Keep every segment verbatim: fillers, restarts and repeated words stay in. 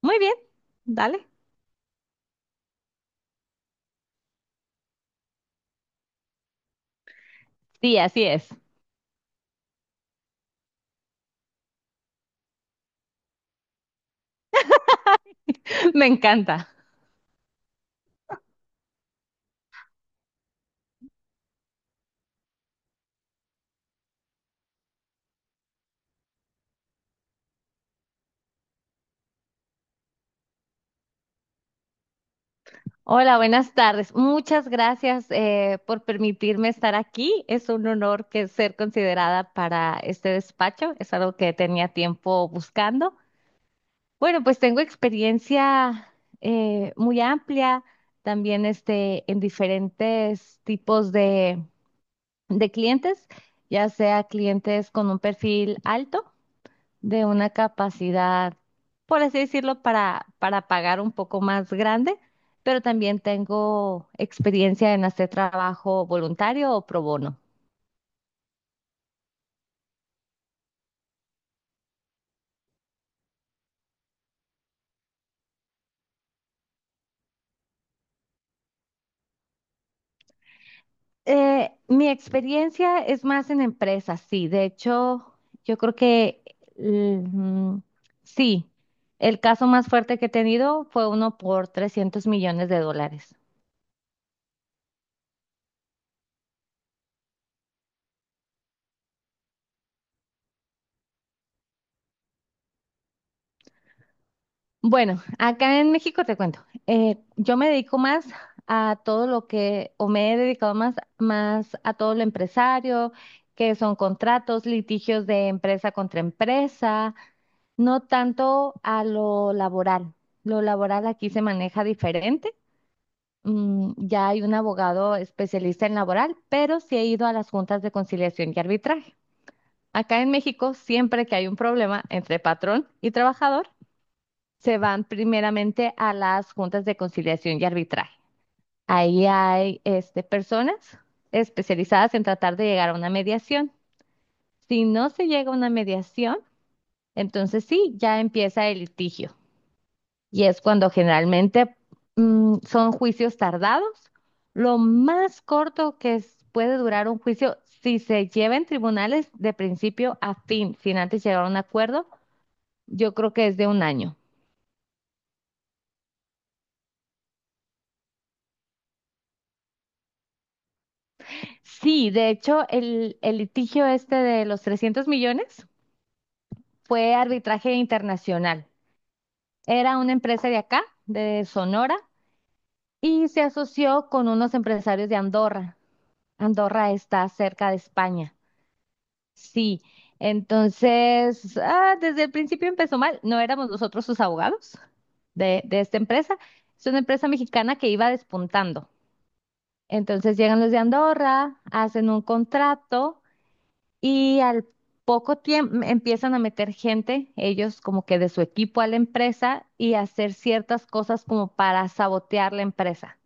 Muy bien, dale. Sí, así es. Me encanta. Hola, buenas tardes. Muchas gracias eh, por permitirme estar aquí. Es un honor que ser considerada para este despacho. Es algo que tenía tiempo buscando. Bueno, pues tengo experiencia eh, muy amplia también este, en diferentes tipos de, de clientes, ya sea clientes con un perfil alto de una capacidad, por así decirlo, para, para pagar un poco más grande, pero también tengo experiencia en hacer trabajo voluntario o pro bono. Eh, mi experiencia es más en empresas, sí. De hecho, yo creo que l- mm, sí, el caso más fuerte que he tenido fue uno por trescientos millones de dólares. Bueno, acá en México te cuento, eh, yo me dedico más a todo lo que, o me he dedicado más, más a todo lo empresario, que son contratos, litigios de empresa contra empresa, no tanto a lo laboral. Lo laboral aquí se maneja diferente. Mm, ya hay un abogado especialista en laboral, pero sí he ido a las juntas de conciliación y arbitraje. Acá en México, siempre que hay un problema entre patrón y trabajador, se van primeramente a las juntas de conciliación y arbitraje. Ahí hay este, personas especializadas en tratar de llegar a una mediación. Si no se llega a una mediación, entonces sí, ya empieza el litigio. Y es cuando generalmente mmm, son juicios tardados. Lo más corto que es- puede durar un juicio, si se lleva en tribunales de principio a fin, sin antes llegar a un acuerdo, yo creo que es de un año. Sí, de hecho, el, el litigio este de los trescientos millones fue arbitraje internacional. Era una empresa de acá, de Sonora, y se asoció con unos empresarios de Andorra. Andorra está cerca de España. Sí, entonces, ah, desde el principio empezó mal. No éramos nosotros sus abogados de, de esta empresa. Es una empresa mexicana que iba despuntando. Entonces llegan los de Andorra, hacen un contrato. Y al poco tiempo mm, empiezan a meter gente, ellos como que de su equipo a la empresa y hacer ciertas cosas como para sabotear la empresa.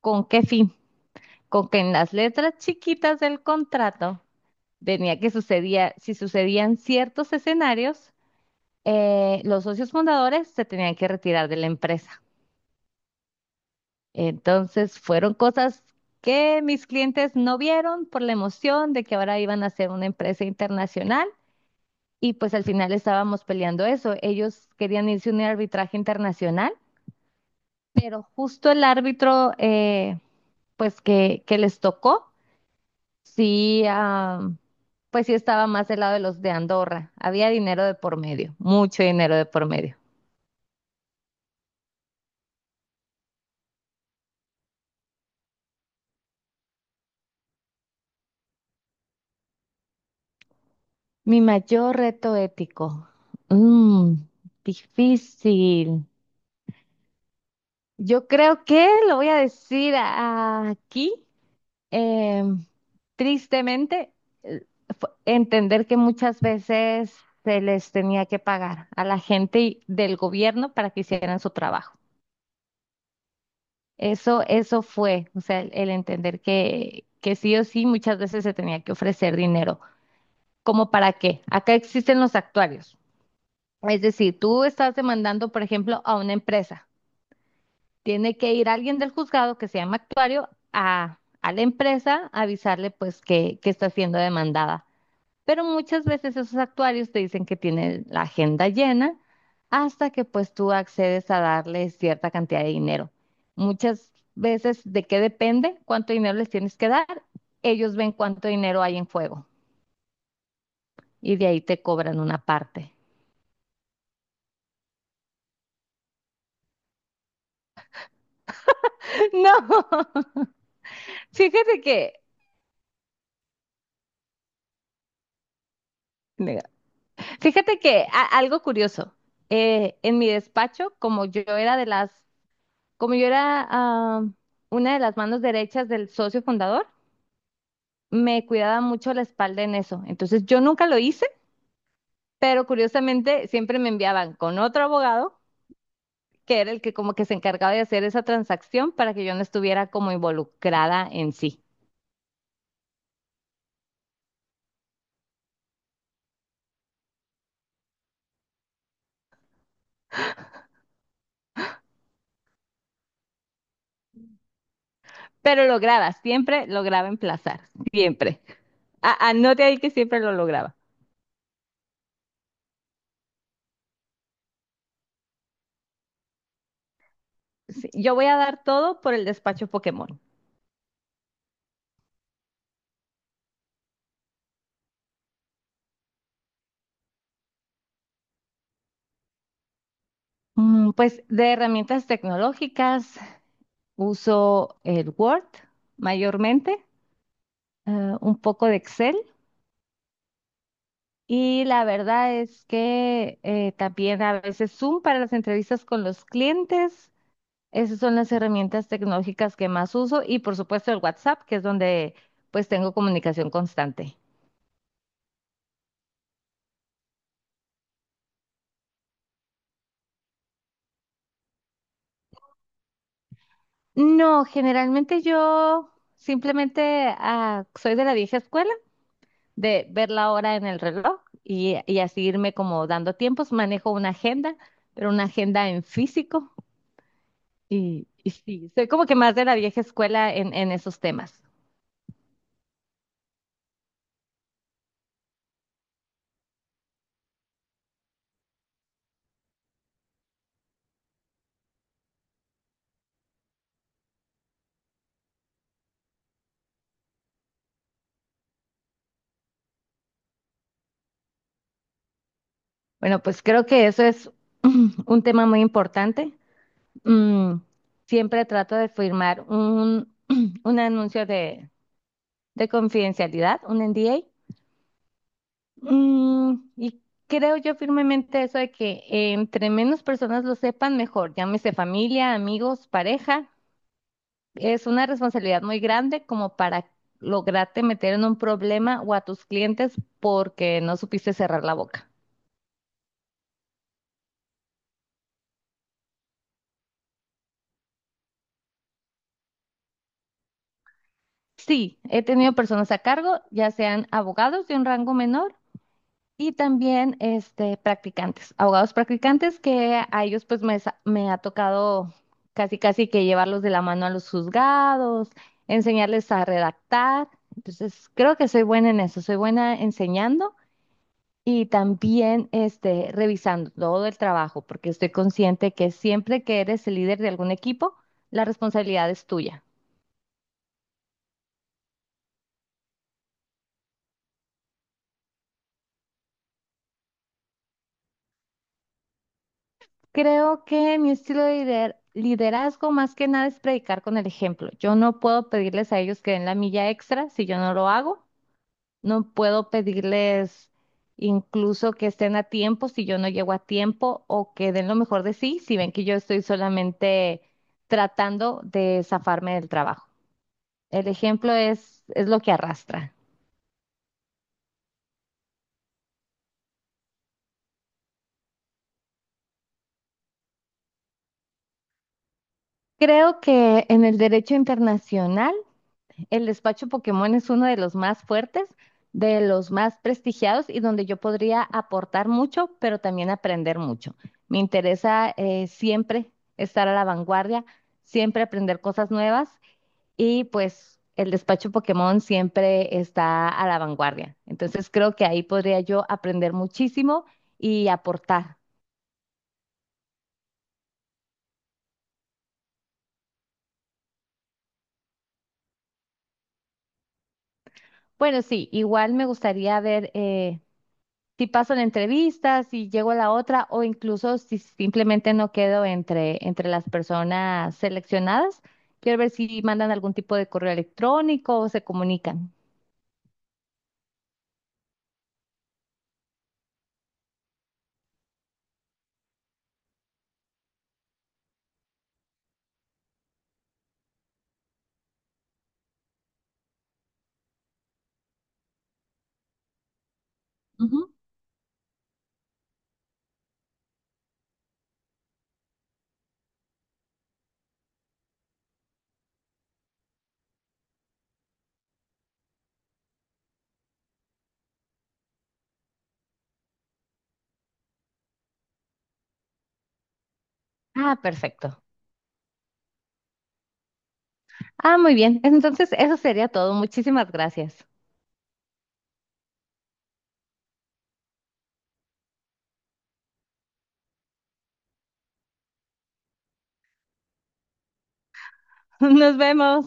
¿Con qué fin? Con que en las letras chiquitas del contrato venía que sucedía, si sucedían ciertos escenarios, eh, los socios fundadores se tenían que retirar de la empresa. Entonces fueron cosas que mis clientes no vieron por la emoción de que ahora iban a ser una empresa internacional. Y pues al final estábamos peleando eso. Ellos querían irse a un arbitraje internacional, pero justo el árbitro, eh, pues que, que les tocó, sí, ah, pues sí estaba más del lado de los de Andorra. Había dinero de por medio, mucho dinero de por medio. Mi mayor reto ético. Mm, Difícil. Yo creo que lo voy a decir a- aquí. Eh, Tristemente, eh, fu- entender que muchas veces se les tenía que pagar a la gente y- del gobierno para que hicieran su trabajo. Eso, eso fue, o sea, el, el entender que, que sí o sí muchas veces se tenía que ofrecer dinero. ¿Cómo para qué? Acá existen los actuarios. Es decir, tú estás demandando, por ejemplo, a una empresa. Tiene que ir alguien del juzgado que se llama actuario a, a la empresa a avisarle pues que, que está siendo demandada. Pero muchas veces esos actuarios te dicen que tienen la agenda llena hasta que pues tú accedes a darle cierta cantidad de dinero. Muchas veces, ¿de qué depende? ¿Cuánto dinero les tienes que dar? Ellos ven cuánto dinero hay en juego y de ahí te cobran una parte. No, fíjate que, nega, fíjate que a- algo curioso. Eh, en mi despacho, como yo era de las, como yo era ah, una de las manos derechas del socio fundador, me cuidaba mucho la espalda en eso. Entonces yo nunca lo hice, pero curiosamente siempre me enviaban con otro abogado, que era el que como que se encargaba de hacer esa transacción para que yo no estuviera como involucrada en sí. Pero lograba, siempre lograba emplazar, siempre. A- Anote ahí que siempre lo lograba. Sí, yo voy a dar todo por el despacho Pokémon. Mm, Pues de herramientas tecnológicas uso el Word mayormente, eh, un poco de Excel. Y la verdad es que eh, también a veces Zoom para las entrevistas con los clientes. Esas son las herramientas tecnológicas que más uso y por supuesto el WhatsApp, que es donde pues tengo comunicación constante. No, generalmente yo simplemente ah, soy de la vieja escuela, de ver la hora en el reloj y, y así irme como dando tiempos. Manejo una agenda, pero una agenda en físico y, y sí, soy como que más de la vieja escuela en, en esos temas. Bueno, pues creo que eso es un tema muy importante. Mm, Siempre trato de firmar un, un anuncio de, de confidencialidad, un N D A. Mm, y creo yo firmemente eso de que entre menos personas lo sepan, mejor. Llámese familia, amigos, pareja. Es una responsabilidad muy grande como para lograrte meter en un problema o a tus clientes porque no supiste cerrar la boca. Sí, he tenido personas a cargo, ya sean abogados de un rango menor y también este, practicantes, abogados practicantes que a ellos pues me, sa- me ha tocado casi casi que llevarlos de la mano a los juzgados, enseñarles a redactar. Entonces, creo que soy buena en eso, soy buena enseñando y también este, revisando todo el trabajo, porque estoy consciente que siempre que eres el líder de algún equipo, la responsabilidad es tuya. Creo que mi estilo de lider- liderazgo más que nada es predicar con el ejemplo. Yo no puedo pedirles a ellos que den la milla extra si yo no lo hago. No puedo pedirles incluso que estén a tiempo si yo no llego a tiempo o que den lo mejor de sí si ven que yo estoy solamente tratando de zafarme del trabajo. El ejemplo es, es lo que arrastra. Creo que en el derecho internacional el despacho Pokémon es uno de los más fuertes, de los más prestigiados y donde yo podría aportar mucho, pero también aprender mucho. Me interesa eh, siempre estar a la vanguardia, siempre aprender cosas nuevas y pues el despacho Pokémon siempre está a la vanguardia. Entonces creo que ahí podría yo aprender muchísimo y aportar. Bueno, sí, igual me gustaría ver, eh, si paso la entrevista, si llego a la otra o incluso si simplemente no quedo entre, entre las personas seleccionadas, quiero ver si mandan algún tipo de correo electrónico o se comunican. Ujú. Ah, perfecto. Ah, muy bien. Entonces, eso sería todo. Muchísimas gracias. Nos vemos.